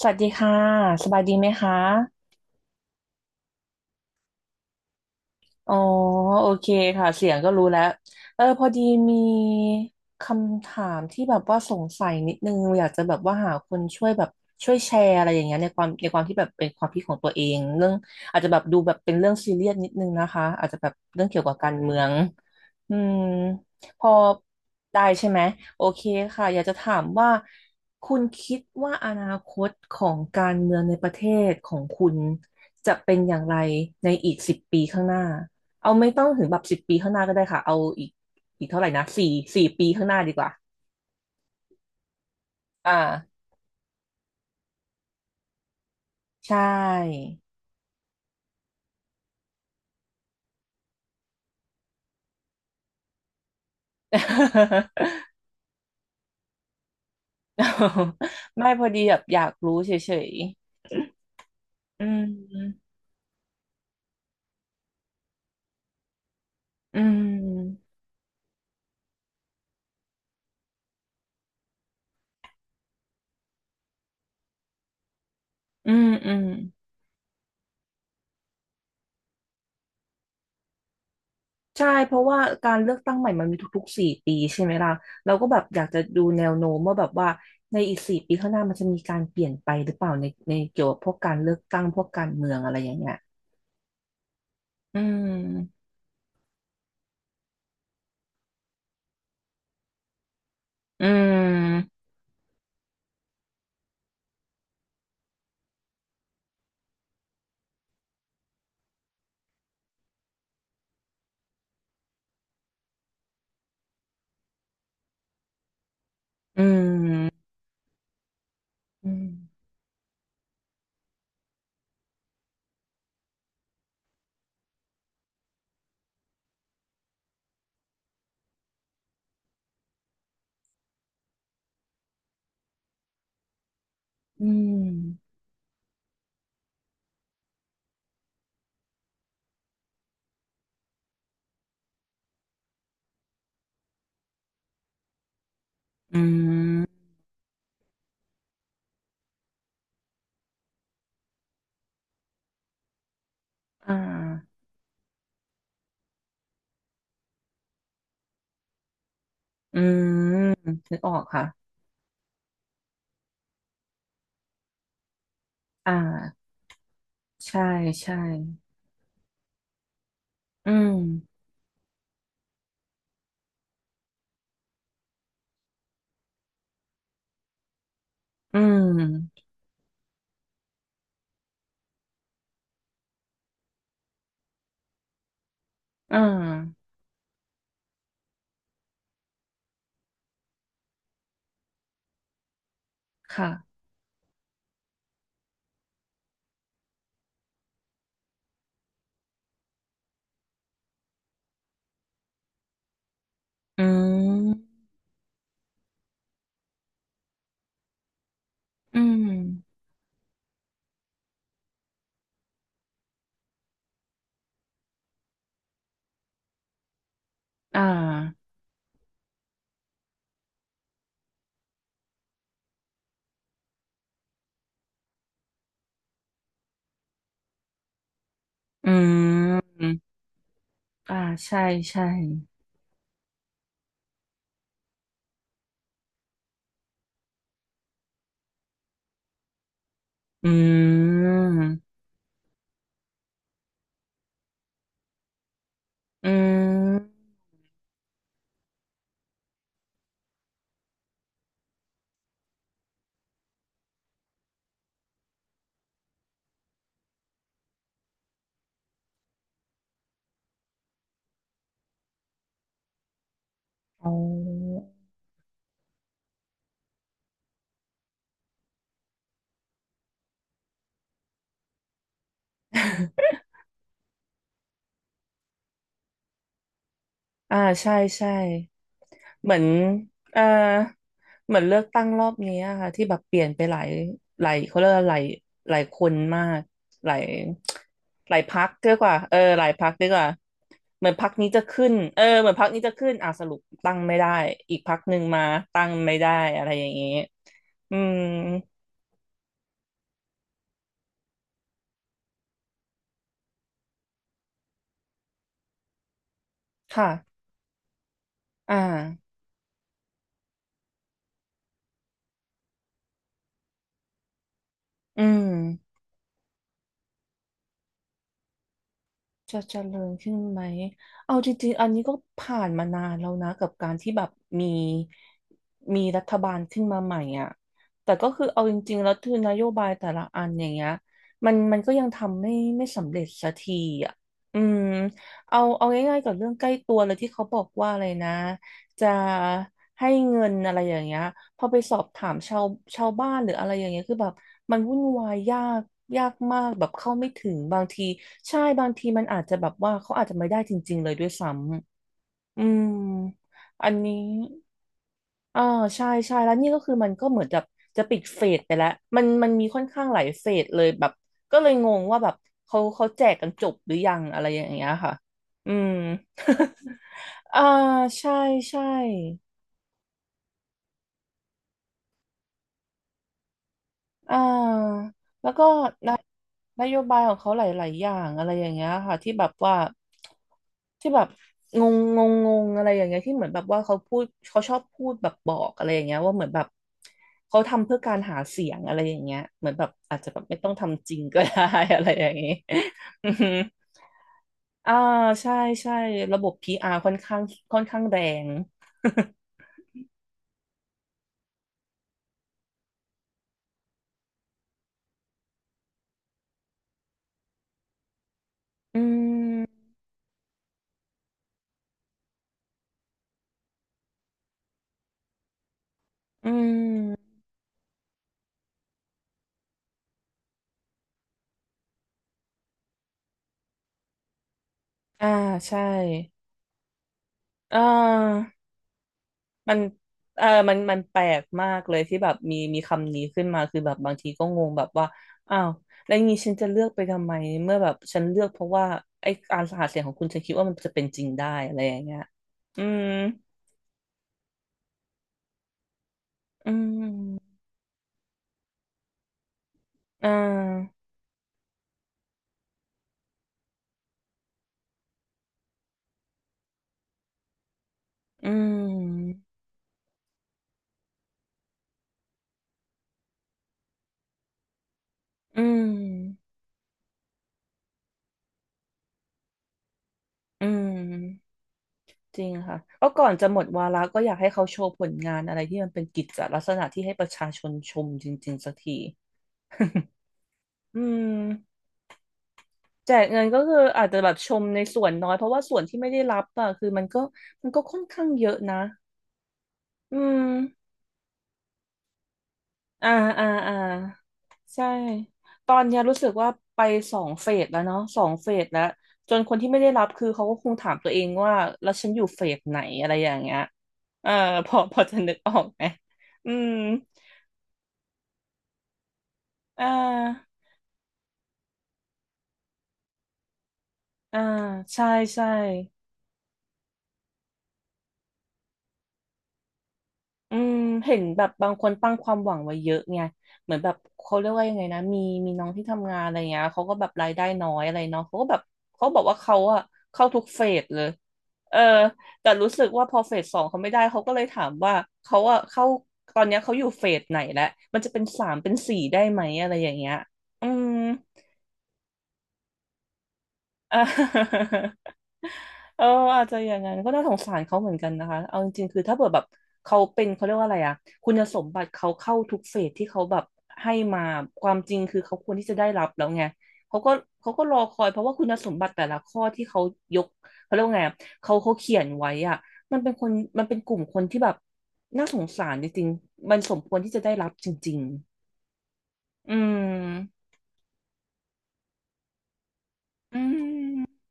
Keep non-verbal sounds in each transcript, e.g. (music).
สวัสดีค่ะสบายดีไหมคะ อ๋อโอเคค่ะเสียงก็รู้แล้วพอดีมีคำถามที่แบบว่าสงสัยนิดนึงอยากจะแบบว่าหาคนช่วยแบบช่วยแชร์อะไรอย่างเงี้ยในความที่แบบเป็นความคิดของตัวเองเรื่องอาจจะแบบดูแบบเป็นเรื่องซีเรียสนิดนึงนะคะอาจจะแบบเรื่องเกี่ยวกับการเมืองอืมพอได้ใช่ไหมโอเคค่ะอยากจะถามว่าคุณคิดว่าอนาคตของการเมืองในประเทศของคุณจะเป็นอย่างไรในอีกสิบปีข้างหน้า เอาไม่ต้องถึงแบบสิบปีข้างหน้าก็ได้ค่ะเอาอีกเท่าไหร่นะสี่ปีข้างหน้าดีกว่าอ่าใช่ (laughs) ไม่พอดีแบบอยากรู้เฉยๆอืมอืมใช่เพราะว่าการเลือกตั้งใหม่มันมีทุกๆสี่ปีใช่ไหมล่ะเราก็แบบอยากจะดูแนวโน้มว่าแบบว่าในอีกสี่ปีข้างหน้ามันจะมีการเปลี่ยนไปหรือเปล่าในเกี่ยวกับพวกการเลือกตั้งพวกการเมืองอะไรอย่างเงี้ยอืมอืมอืม อืมอืมอืมอ่าอืมนึกออกค่ะอ่าใช่ใช่อืมอืมอ่าค่ะอืมอืมอ่าอืมอ่าใช่ใช่อืมอืมอ๋อ (laughs) อ่าใช่ใช่เหมือนเอ่อเหมือนเลือกตั้งรอบนี้อะค่ะที่แบบเปลี่ยนไปหลายเขาเรียกว่าหลายคนมากหลายหลายพรรคดีกว่าเออหลายพรรคดีกว่าเหมือนพรรคนี้จะขึ้นเออเหมือนพรรคนี้จะขึ้นอ่ะสรุปตั้งไม่ได้อีกพรรคหนึ่งมาตั้งไม่ได้อะไรอย่างนี้อืมค่ะอ่าอืม จะเจริญขึ้นไหม เอาจริงๆอันนี้ก็ผ่านมานานแล้วนะกับการที่แบบมีมีรัฐบาลขึ้นมาใหม่อ่ะแต่ก็คือเอาจริงๆแล้วคือนโยบายแต่ละอันอย่างเงี้ยมันก็ยังทำไม่ไม่สำเร็จสักทีอ่ะอืมเอาง่ายๆกับเรื่องใกล้ตัวเลยที่เขาบอกว่าอะไรนะ จะให้เงินอะไรอย่างเงี้ยพอไปสอบถามชาวบ้านหรืออะไรอย่างเงี้ยคือแบบมันวุ่นวายยากมากแบบเข้าไม่ถึงบางทีใช่บางทีมันอาจจะแบบว่าเขาอาจจะไม่ได้จริงๆเลยด้วยซ้ำ อืม อันนี้ อ่า ใช่ใช่แล้วนี่ก็คือมันก็เหมือนจะปิดเฟสไปแล้วมันมีค่อนข้างหลายเฟสเลยแบบก็เลยงงว่าแบบเขาแจกกันจบหรือยัง อะไรอย่างเงี้ยค่ะ อืม (laughs) อ่า ใช่ใช่ อ่า แล้วก็นนโยบายของเขาหลายๆอย่างอะไรอย่างเงี้ยค่ะที่แบบว่า ที่แบบงงอะไรอย่างเงี้ยที่เหมือนแบบว่าเขาพูดเขาชอบพูดแบบบอกอะไรอย่างเงี้ยว่าเหมือนแบบเขาทำเพื่อการหาเสียงอะไรอย่างเงี้ยเหมือนแบบอาจจะแบบไม่ต้องทำจริงก็ได้ (laughs) อะไรอย่างเงี้ย (laughs) อือฮึอ่าใช่ใช่ระบบพีอาร์ค่อนข้างแรง (laughs) อืมอืมอ่าใช่เอ่า มันเออมันแปลกมากเลยที่แบบมีคำนี้ขึ้นมา คือแบบบางทีก็งงแบบว่าอ้าวแล้วงี้ฉันจะเลือกไปทำไมเมื่อแบบฉันเลือกเพราะว่าไอ้การหาเสียงของคุณฉันคิดว่ามันจะเป็นจริงได้อะไรอย่างเงี้ยอืมอืมอ่าอืมอืมอืมจริงค่ะ ก็ก่อนจะหมดวาระก็อยากให้เขาโชว์ผลงานอะไรที่มันเป็นกิจลักษณะที่ให้ประชาชนชมจริงๆสักทีอืม แจกเงินก็คืออาจจะแบบชมในส่วนน้อยเพราะว่าส่วนที่ไม่ได้รับอ่ะคือมันก็ค่อนข้างเยอะนะอืมอ่าอ่าอ่าใช่ตอนเนี้ยรู้สึกว่าไปสองเฟสแล้วเนาะสองเฟสแล้วจนคนที่ไม่ได้รับคือเขาก็คงถามตัวเองว่าแล้วฉันอยู่เฟสไหนอะไรอย่างเงี้ยเออพอจะนึกออกไหมอืมอ่าอ่าใช่ใช่ อืมเห็นแบบบางคนตั้งความหวังไว้เยอะไงเหมือนแบบเขาเรียกว่ายังไงนะมีน้องที่ทำงานอะไรเงี้ยเขาก็แบบรายได้น้อยอะไรเนาะเขาก็แบบเขาบอกว่าเขาอะเข้าทุกเฟสเลยเออแต่รู้สึกว่าพอเฟสสองเขาไม่ได้เขาก็เลยถามว่าเขาอะเข้าตอนเนี้ยเขาอยู่เฟสไหนแล้วมันจะเป็นสามเป็นสี่ได้ไหมอะไรอย่างเงี้ยอืม (laughs) ออเอออาจจะอย่างนั้นก็น่าสงสารเขาเหมือนกันนะคะเอาจริงๆคือถ้าเกิดแบบเขาเป็นเขาเรียกว่าอะไรอะคุณสมบัติเขาเข้าทุกเฟสที่เขาแบบให้มาความจริงคือเขาควรที่จะได้รับแล้วไงเขาก็เขาก็รอคอยเพราะว่าคุณสมบัติแต่ละข้อที่เขายกเขาเรียกว่าไงอะเขาเขียนไว้อะมันเป็นคนมันเป็นกลุ่มคนที่แบบน่าสงสารจริงๆมันสมควรที่จะได้รับจริงๆอืมอืม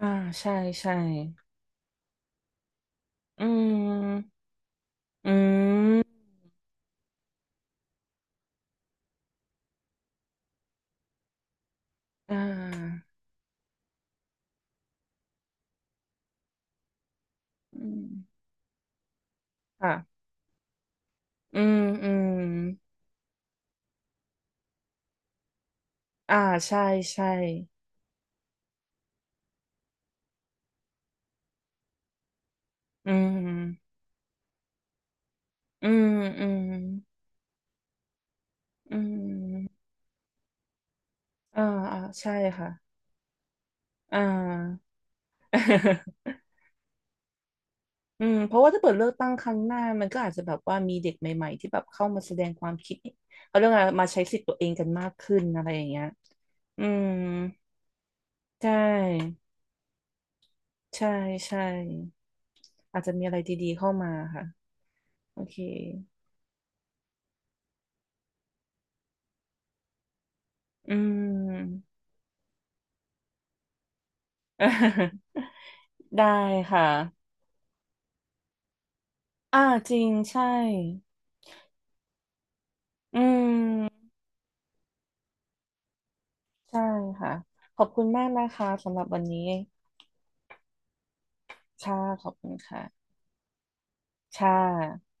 อ่าใช่ใช่อืม อืมอ่าอืมค่ะอืมอืมอ่าใช่ใช่อืมอืมอืมอืมอ่าอ่าใช่ค่ะอ่า (laughs) อืมเพราะว่าถ้าเปิดเลือกตั้งครั้งหน้ามันก็อาจจะแบบว่ามีเด็กใหม่ๆที่แบบเข้ามาแสดงความคิดเขาเรื่องอะไรมาใช้สิทธิ์ตัวเองกันมากขึ้นอะไรอย่างเงี้ยอืมใช่ใช่ใช่อาจจะมีอะไรดีๆเข้ามาค่ะโอเคอืม (laughs) ได้ค่ะ อ่าจริงใช่ อืมใช่ค่ะ ขอบคุณมากนะคะสำหรับวันนี้ค่ะขอบคุณค่ะค่ะ